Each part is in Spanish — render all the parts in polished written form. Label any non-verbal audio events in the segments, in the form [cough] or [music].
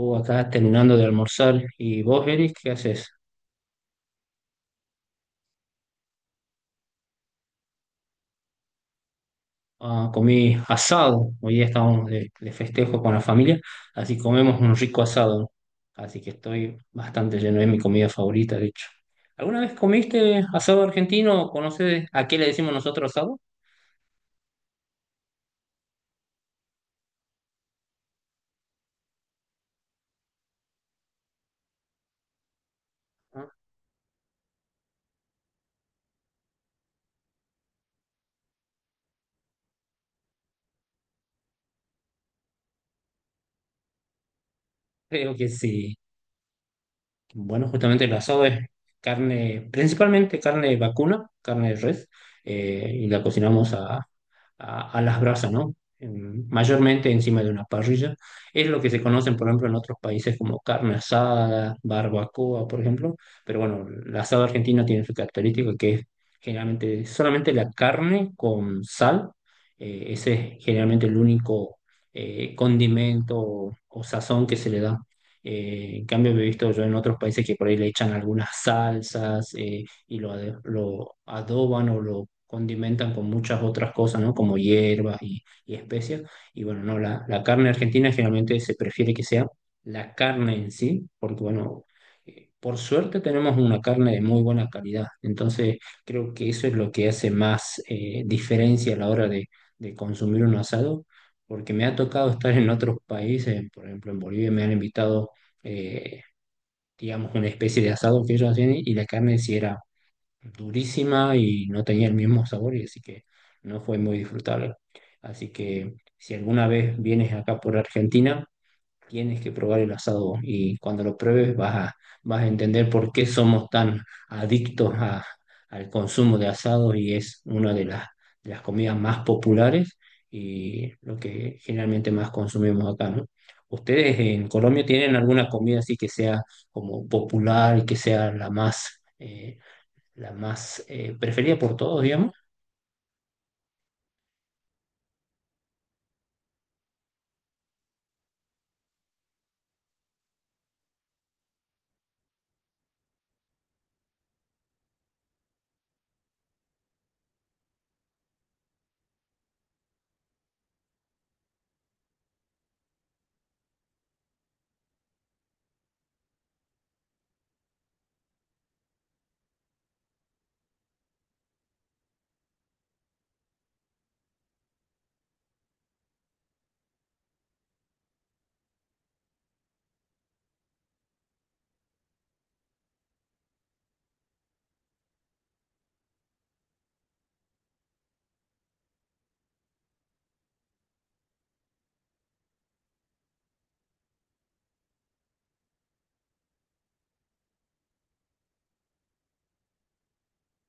O acá terminando de almorzar. ¿Y vos, Eric, qué haces? Ah, comí asado. Hoy día estábamos de festejo con la familia, así comemos un rico asado. Así que estoy bastante lleno, es mi comida favorita, de hecho. ¿Alguna vez comiste asado argentino? ¿Conoces a qué le decimos nosotros asado? Ah, creo que sí. Bueno, justamente el asado es carne, principalmente carne vacuna, carne de res, y la cocinamos a las brasas, ¿no? Mayormente encima de una parrilla. Es lo que se conocen, por ejemplo, en otros países como carne asada, barbacoa, por ejemplo. Pero bueno, el asado argentino tiene su característica, que es generalmente solamente la carne con sal. Ese es generalmente el único condimento o sazón que se le da. En cambio, he visto yo en otros países que por ahí le echan algunas salsas, y lo adoban o lo condimentan con muchas otras cosas, ¿no? Como hierbas y especias. Y bueno, no, la carne argentina generalmente se prefiere que sea la carne en sí, porque bueno, por suerte tenemos una carne de muy buena calidad. Entonces, creo que eso es lo que hace más diferencia a la hora de consumir un asado, porque me ha tocado estar en otros países, por ejemplo, en Bolivia me han invitado, eh, digamos, una especie de asado que ellos hacían, y la carne sí era durísima y no tenía el mismo sabor, y así que no fue muy disfrutable. Así que si alguna vez vienes acá por Argentina, tienes que probar el asado, y cuando lo pruebes vas a entender por qué somos tan adictos a- al consumo de asado, y es una de las comidas más populares, y lo que generalmente más consumimos acá, ¿no? ¿Ustedes en Colombia tienen alguna comida así que sea como popular y que sea la más preferida por todos, digamos?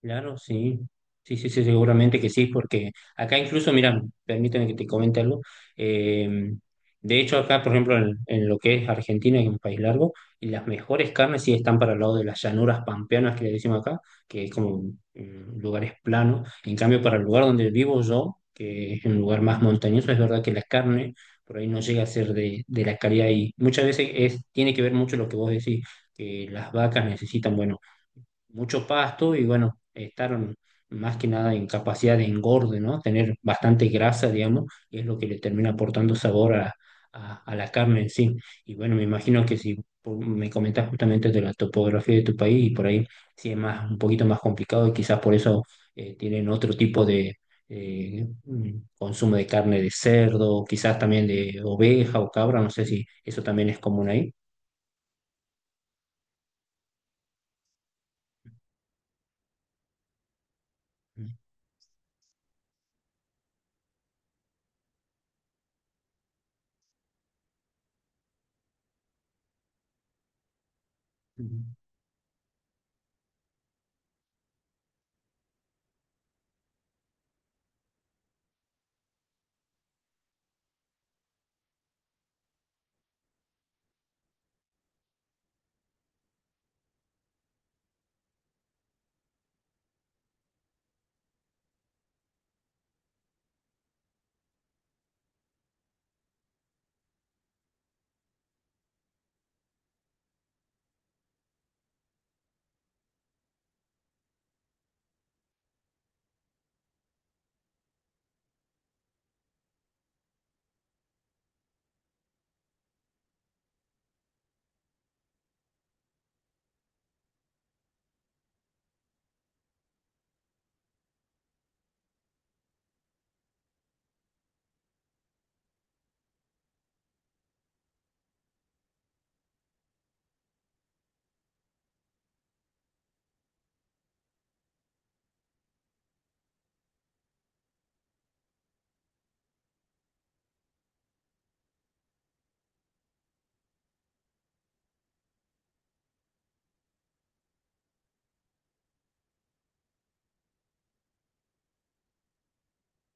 Claro, sí. Sí, sí, sí, seguramente que sí, porque acá incluso, mira, permíteme que te comente algo. eh, de hecho, acá, por ejemplo, en lo que es Argentina, que es un país largo, y las mejores carnes sí están para el lado de las llanuras pampeanas, que le decimos acá, que es como lugares planos. En cambio, para el lugar donde vivo yo, que es un lugar más montañoso, es verdad que la carne por ahí no llega a ser de la calidad, y muchas veces es, tiene que ver mucho lo que vos decís, que las vacas necesitan, bueno, mucho pasto y bueno, estar más que nada en capacidad de engorde, ¿no? Tener bastante grasa, digamos, y es lo que le termina aportando sabor a, a la carne en sí. Y bueno, me imagino que si por- me comentas justamente de la topografía de tu país, y por ahí sí es más, un poquito más complicado, y quizás por eso tienen otro tipo de... consumo de carne de cerdo, quizás también de oveja o cabra, no sé si eso también es común ahí.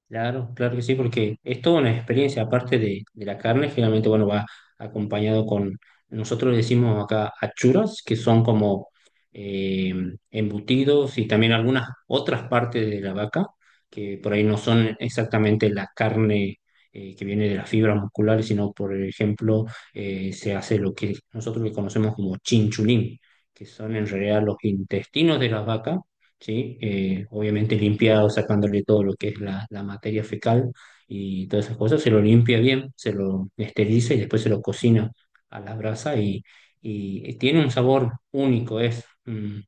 Claro, claro que sí, porque es toda una experiencia, aparte de la carne, generalmente, bueno, va acompañado con, nosotros le decimos acá achuras, que son como eh, embutidos, y también algunas otras partes de la vaca, que por ahí no son exactamente la carne que viene de las fibras musculares, sino, por ejemplo, se hace lo que nosotros le conocemos como chinchulín, que son en realidad los intestinos de las vacas, ¿sí? Obviamente limpiado, sacándole todo lo que es la materia fecal y todas esas cosas, se lo limpia bien, se lo esteriliza y después se lo cocina a la brasa, y tiene un sabor único, es...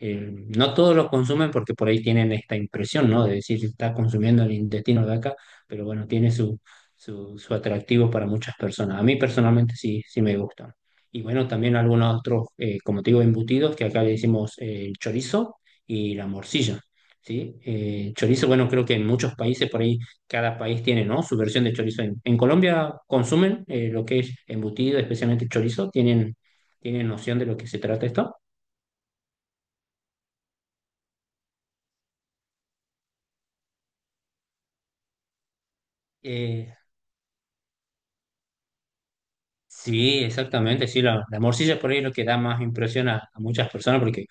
eh, no todos lo consumen porque por ahí tienen esta impresión, ¿no? De decir, está consumiendo el intestino de vaca, pero bueno, tiene su atractivo para muchas personas. A mí personalmente sí, sí me gustan. Y bueno, también algunos otros, como te digo, embutidos, que acá le decimos chorizo, y la morcilla, ¿sí? Chorizo, bueno, creo que en muchos países por ahí, cada país tiene, ¿no? Su versión de chorizo. En Colombia consumen lo que es embutido, especialmente chorizo, tienen noción de lo que se trata esto. Eh, Sí, exactamente, sí, la morcilla por ahí es lo que da más impresión a muchas personas porque,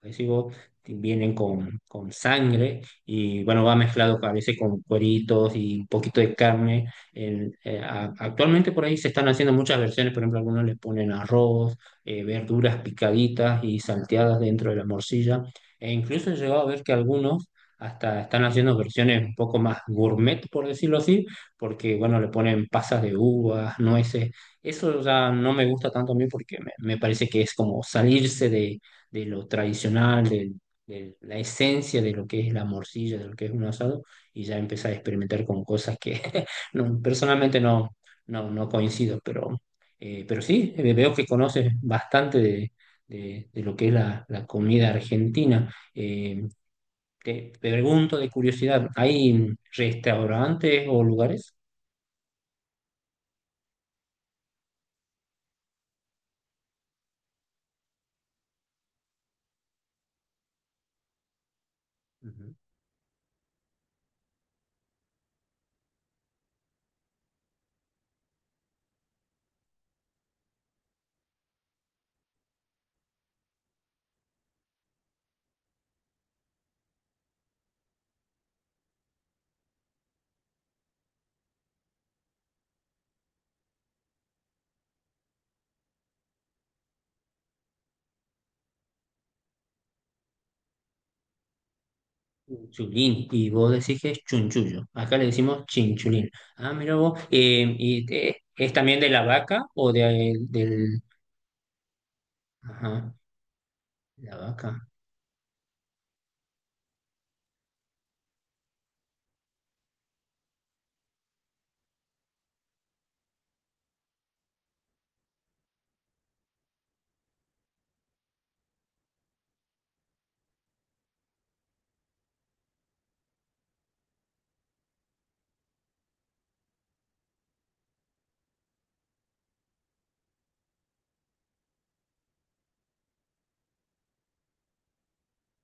como decís vos, vienen con sangre, y bueno, va mezclado a veces con cueritos y un poquito de carne. Actualmente por ahí se están haciendo muchas versiones, por ejemplo, algunos le ponen arroz, verduras picaditas y salteadas dentro de la morcilla, e incluso he llegado a ver que algunos hasta están haciendo versiones un poco más gourmet, por decirlo así, porque bueno, le ponen pasas de uvas, nueces. Eso ya no me gusta tanto a mí, porque me parece que es como salirse de lo tradicional, de la esencia de lo que es la morcilla, de lo que es un asado, y ya empezar a experimentar con cosas que [laughs] no, personalmente no, no, no coincido, pero sí, veo que conoces bastante de, de lo que es la comida argentina. Te pregunto de curiosidad, ¿hay restaurantes o lugares? Ujú. Chulín, y vos decís que es chunchullo. Acá le decimos chinchulín. Ah, mira vos. Y, ¿es también de la vaca o de, del... Ajá, la vaca.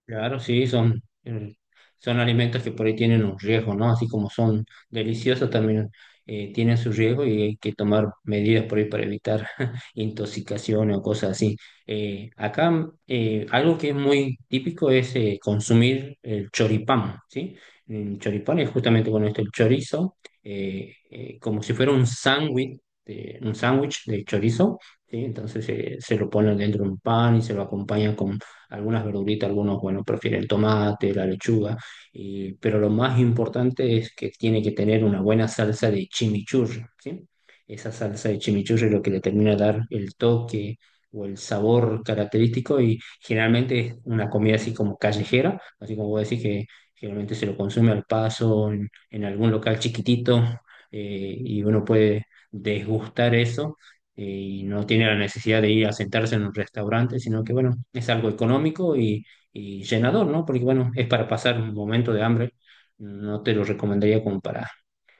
Claro, sí, son, son alimentos que por ahí tienen un riesgo, ¿no? Así como son deliciosos, también tienen su riesgo, y hay que tomar medidas por ahí para evitar [laughs] intoxicaciones o cosas así. Acá algo que es muy típico es consumir el choripán, ¿sí? El choripán es justamente con esto, el chorizo, como si fuera un sándwich, un sándwich de chorizo, ¿sí? Entonces se lo ponen dentro de un pan, y se lo acompaña con algunas verduritas, algunos, bueno, prefieren el tomate, la lechuga, pero lo más importante es que tiene que tener una buena salsa de chimichurri, ¿sí? Esa salsa de chimichurri es lo que le termina de dar el toque o el sabor característico, y generalmente es una comida así como callejera, así como vos decís, que generalmente se lo consume al paso en algún local chiquitito, y uno puede desgustar eso, y no tiene la necesidad de ir a sentarse en un restaurante, sino que, bueno, es algo económico y llenador, ¿no? Porque, bueno, es para pasar un momento de hambre. No te lo recomendaría como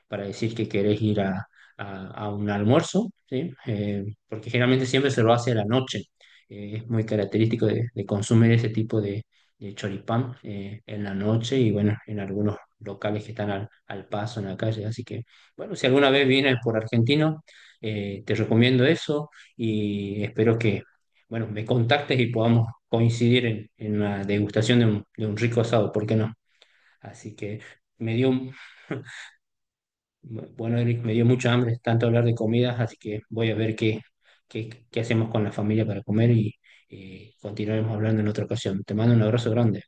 para decir que querés ir a, a un almuerzo, ¿sí? Porque generalmente siempre se lo hace a la noche. Es muy característico de consumir ese tipo de choripán en la noche, y bueno, en algunos locales que están al, al paso en la calle. Así que, bueno, si alguna vez vienes por Argentino, te recomiendo eso, y espero que, bueno, me contactes y podamos coincidir en una degustación de un rico asado, ¿por qué no? Así que me dio bueno, Eric, me dio mucha hambre tanto hablar de comidas, así que voy a ver qué, qué, qué hacemos con la familia para comer, y continuaremos hablando en otra ocasión. Te mando un abrazo grande.